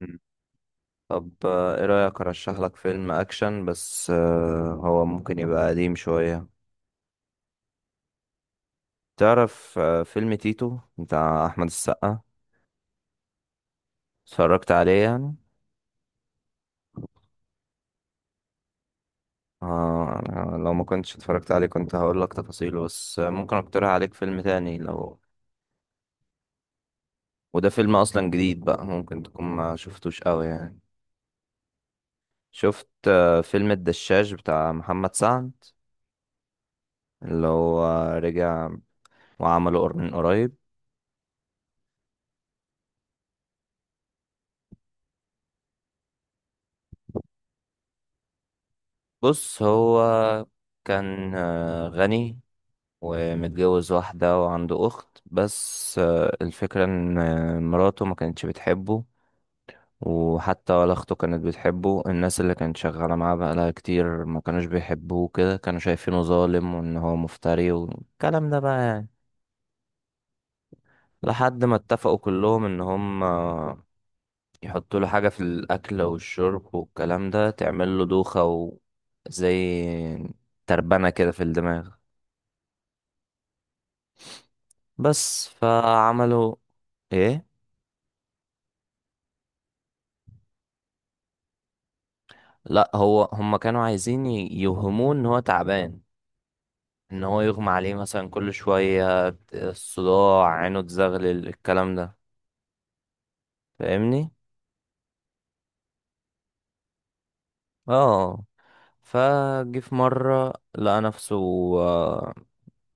مم. طب ايه رأيك ارشح لك فيلم اكشن بس هو ممكن يبقى قديم شوية. تعرف فيلم تيتو بتاع احمد السقا، اتفرجت عليه يعني؟ أنا لو ما كنتش اتفرجت عليه كنت هقول لك تفاصيله، بس ممكن اقترح عليك فيلم تاني لو، وده فيلم اصلا جديد بقى ممكن تكون ما شفتوش قوي يعني. شفت فيلم الدشاش بتاع محمد سعد، اللي هو رجع وعمله من قريب. بص، هو كان غني ومتجوز واحدة وعنده أخت، بس الفكرة إن مراته ما كانتش بتحبه، وحتى ولا أخته كانت بتحبه. الناس اللي كانت شغالة معاه بقالها كتير ما كانوش بيحبوه، كده كانوا شايفينه ظالم وإن هو مفتري والكلام ده بقى يعني. لحد ما اتفقوا كلهم إن هم يحطوا له حاجة في الأكل والشرب والكلام ده تعمل له دوخة، وزي تربنة كده في الدماغ. بس فعملوا ايه. لا، هو هم كانوا عايزين يوهموه ان هو تعبان، ان هو يغمى عليه مثلا كل شوية، الصداع، عينه تزغلل، الكلام ده، فاهمني؟ اه. فجه في مرة لقى نفسه آه،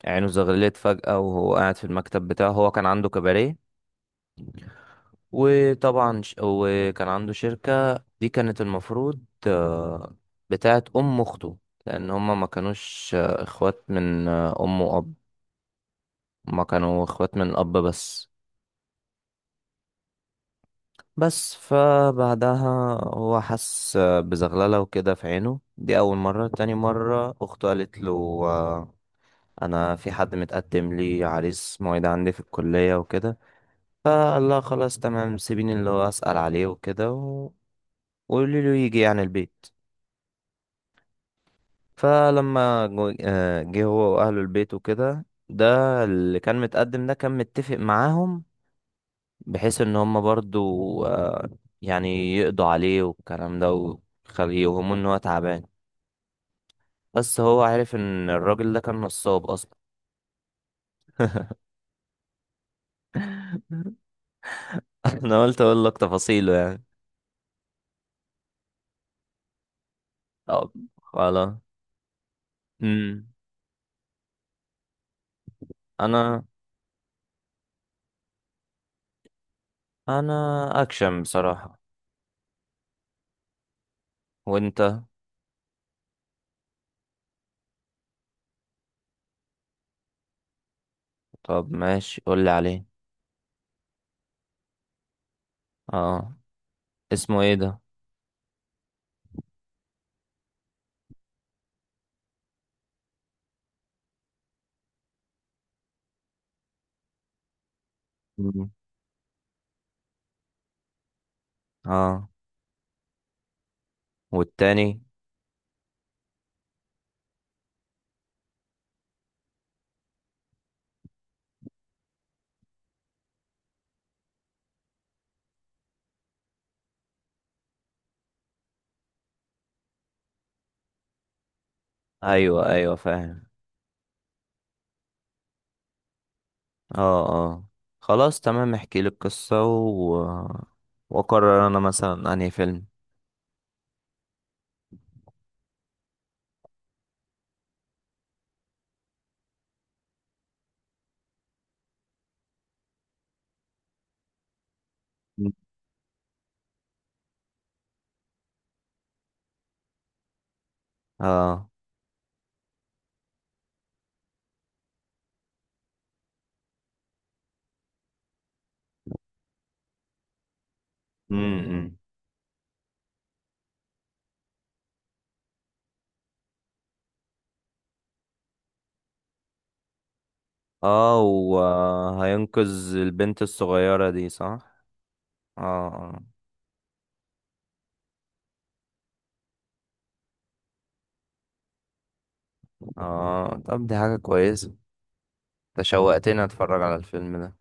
عينه زغللت فجأة وهو قاعد في المكتب بتاعه. هو كان عنده كباريه، وطبعا وكان عنده شركة، دي كانت المفروض بتاعت أم أخته، لأن هما ما كانوش إخوات من أم وأب، ما كانوا إخوات من الأب بس. بس فبعدها هو حس بزغللة وكده في عينه، دي أول مرة. تاني مرة أخته قالت له آه، أنا في حد متقدم لي عريس، مواعيد عندي في الكلية وكده. فقال لها خلاص تمام سيبيني اللي هو أسأل عليه وكده، و- وقولي له يجي يعني البيت. فلما جه هو واهله البيت وكده، ده اللي كان متقدم ده كان متفق معاهم، بحيث ان هم برضو آه، يعني يقضوا عليه والكلام ده، ويخليه يوهموا ان هو تعبان. بس هو عارف ان الراجل ده كان نصاب اصلا. انا قلت اقول لك تفاصيله يعني. طب خلاص. امم انا انا اكشن بصراحة. وانت؟ طب ماشي، قول لي عليه. اه. اسمه ايه ده؟ مم. اه، والتاني؟ ايوه ايوه، فاهم. اه اه، خلاص تمام، احكي لي القصة و... واقرر انا مثلا انهي فيلم. مم. اه. امم. اه، وهينقذ البنت الصغيرة دي، صح؟ اه اه. طب دي حاجة كويسة، تشوقتني اتفرج على الفيلم ده.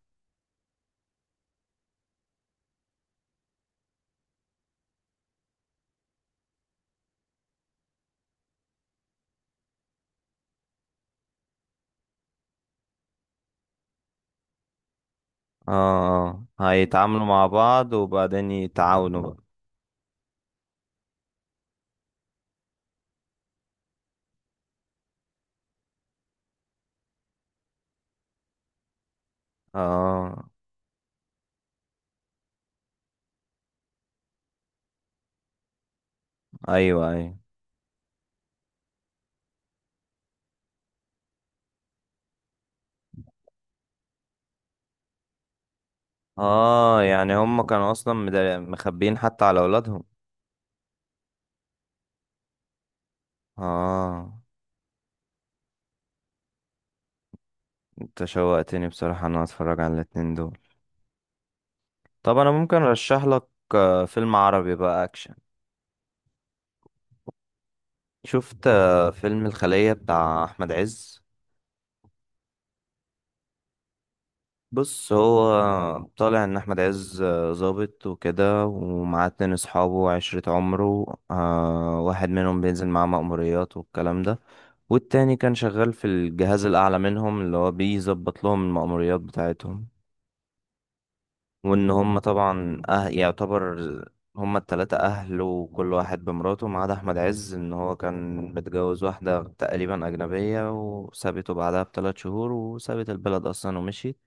اه آه. هيتعاملوا مع بعض وبعدين يتعاونوا بقى. اه. ايوه ايوه. اه، يعني هم كانوا اصلا مخبيين حتى على اولادهم. اه. انت شوقتني بصراحة ان انا اتفرج على الاتنين دول. طب انا ممكن ارشح لك فيلم عربي بقى اكشن. شفت فيلم الخلية بتاع احمد عز. بص، هو طالع ان احمد عز ظابط وكده، ومعاه 2 اصحابه وعشرة عمره، واحد منهم بينزل معاه مأموريات والكلام ده، والتاني كان شغال في الجهاز الاعلى منهم اللي هو بيظبط لهم المأموريات بتاعتهم. وان هم طبعا أه يعتبر هم التلاتة اهل، وكل واحد بمراته ما عدا احمد عز ان هو كان متجوز واحدة تقريبا اجنبية وسابته بعدها بـ3 شهور وسابت البلد اصلا ومشيت.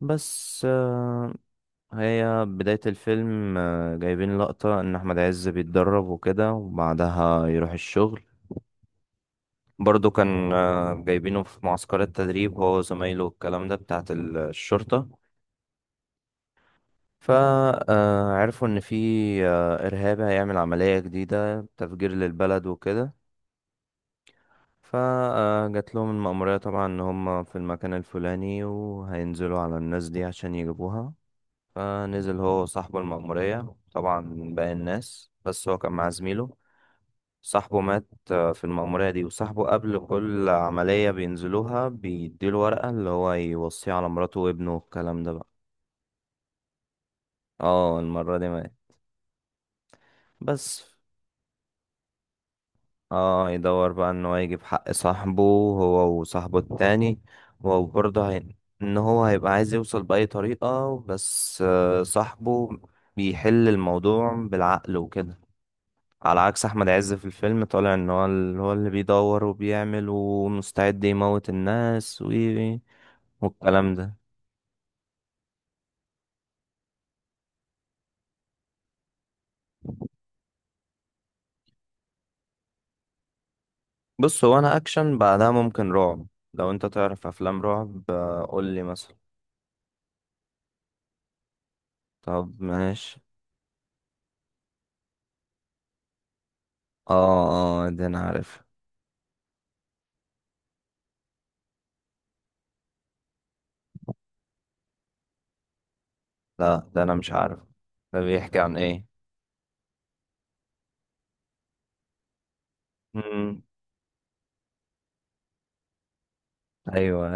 بس هي بداية الفيلم جايبين لقطة ان احمد عز بيتدرب وكده وبعدها يروح الشغل. برضو كان جايبينه في معسكر التدريب هو وزمايله والكلام ده بتاعت الشرطة. فعرفوا ان في ارهابي هيعمل عملية جديدة تفجير للبلد وكده. فجات لهم المأمورية طبعا ان هم في المكان الفلاني وهينزلوا على الناس دي عشان يجيبوها. فنزل هو صاحب المأمورية طبعا من باقي الناس، بس هو كان مع زميله. صاحبه مات في المأمورية دي. وصاحبه قبل كل عملية بينزلوها بيديله ورقة اللي هو يوصيه على مراته وابنه والكلام ده بقى. اه، المرة دي مات بس. اه، يدور بقى ان هو يجيب حق صاحبه، هو وصاحبه التاني. وبرضه هي... ان هو هيبقى عايز يوصل بأي طريقة، بس صاحبه بيحل الموضوع بالعقل وكده، على عكس احمد عز. في الفيلم طالع ان هو اللي هو اللي بيدور وبيعمل ومستعد يموت الناس و... والكلام ده. بص، هو انا اكشن بعدها ممكن رعب. لو انت تعرف افلام رعب قول لي مثلا. طب ماشي. اه اه، ده انا عارف. لا، ده انا مش عارف. ده بيحكي عن ايه؟ امم. ايوه ايوه.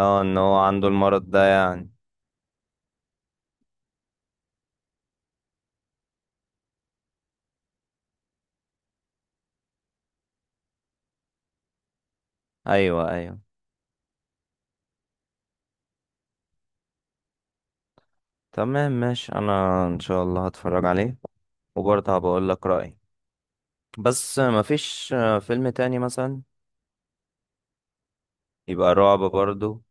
اه، ان هو عنده المرض ده يعني. ايوه ايوه. تمام ماشي، انا ان شاء الله هتفرج عليه، وبرضه هبقول لك رأيي. بس مفيش آه، فيلم تاني مثلا يبقى رعب برضه،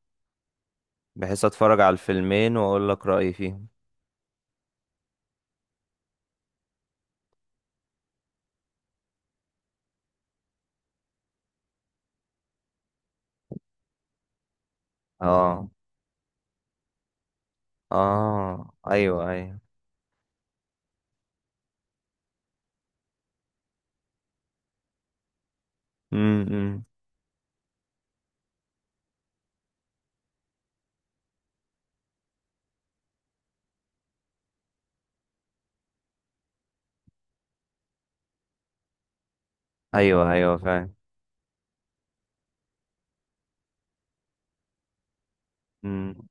بحيث اتفرج على الفيلمين واقول لك رأيي فيهم. اه اه. ايوه ايوه. امم. ايوه ايوه، فاهم. امم.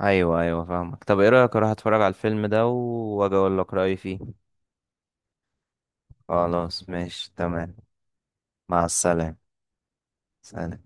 ايوه ايوه، فاهمك. طب ايه رأيك اروح اتفرج على الفيلم ده واجي اقول لك رأيي فيه. خلاص ماشي تمام. مع السلامة. سلام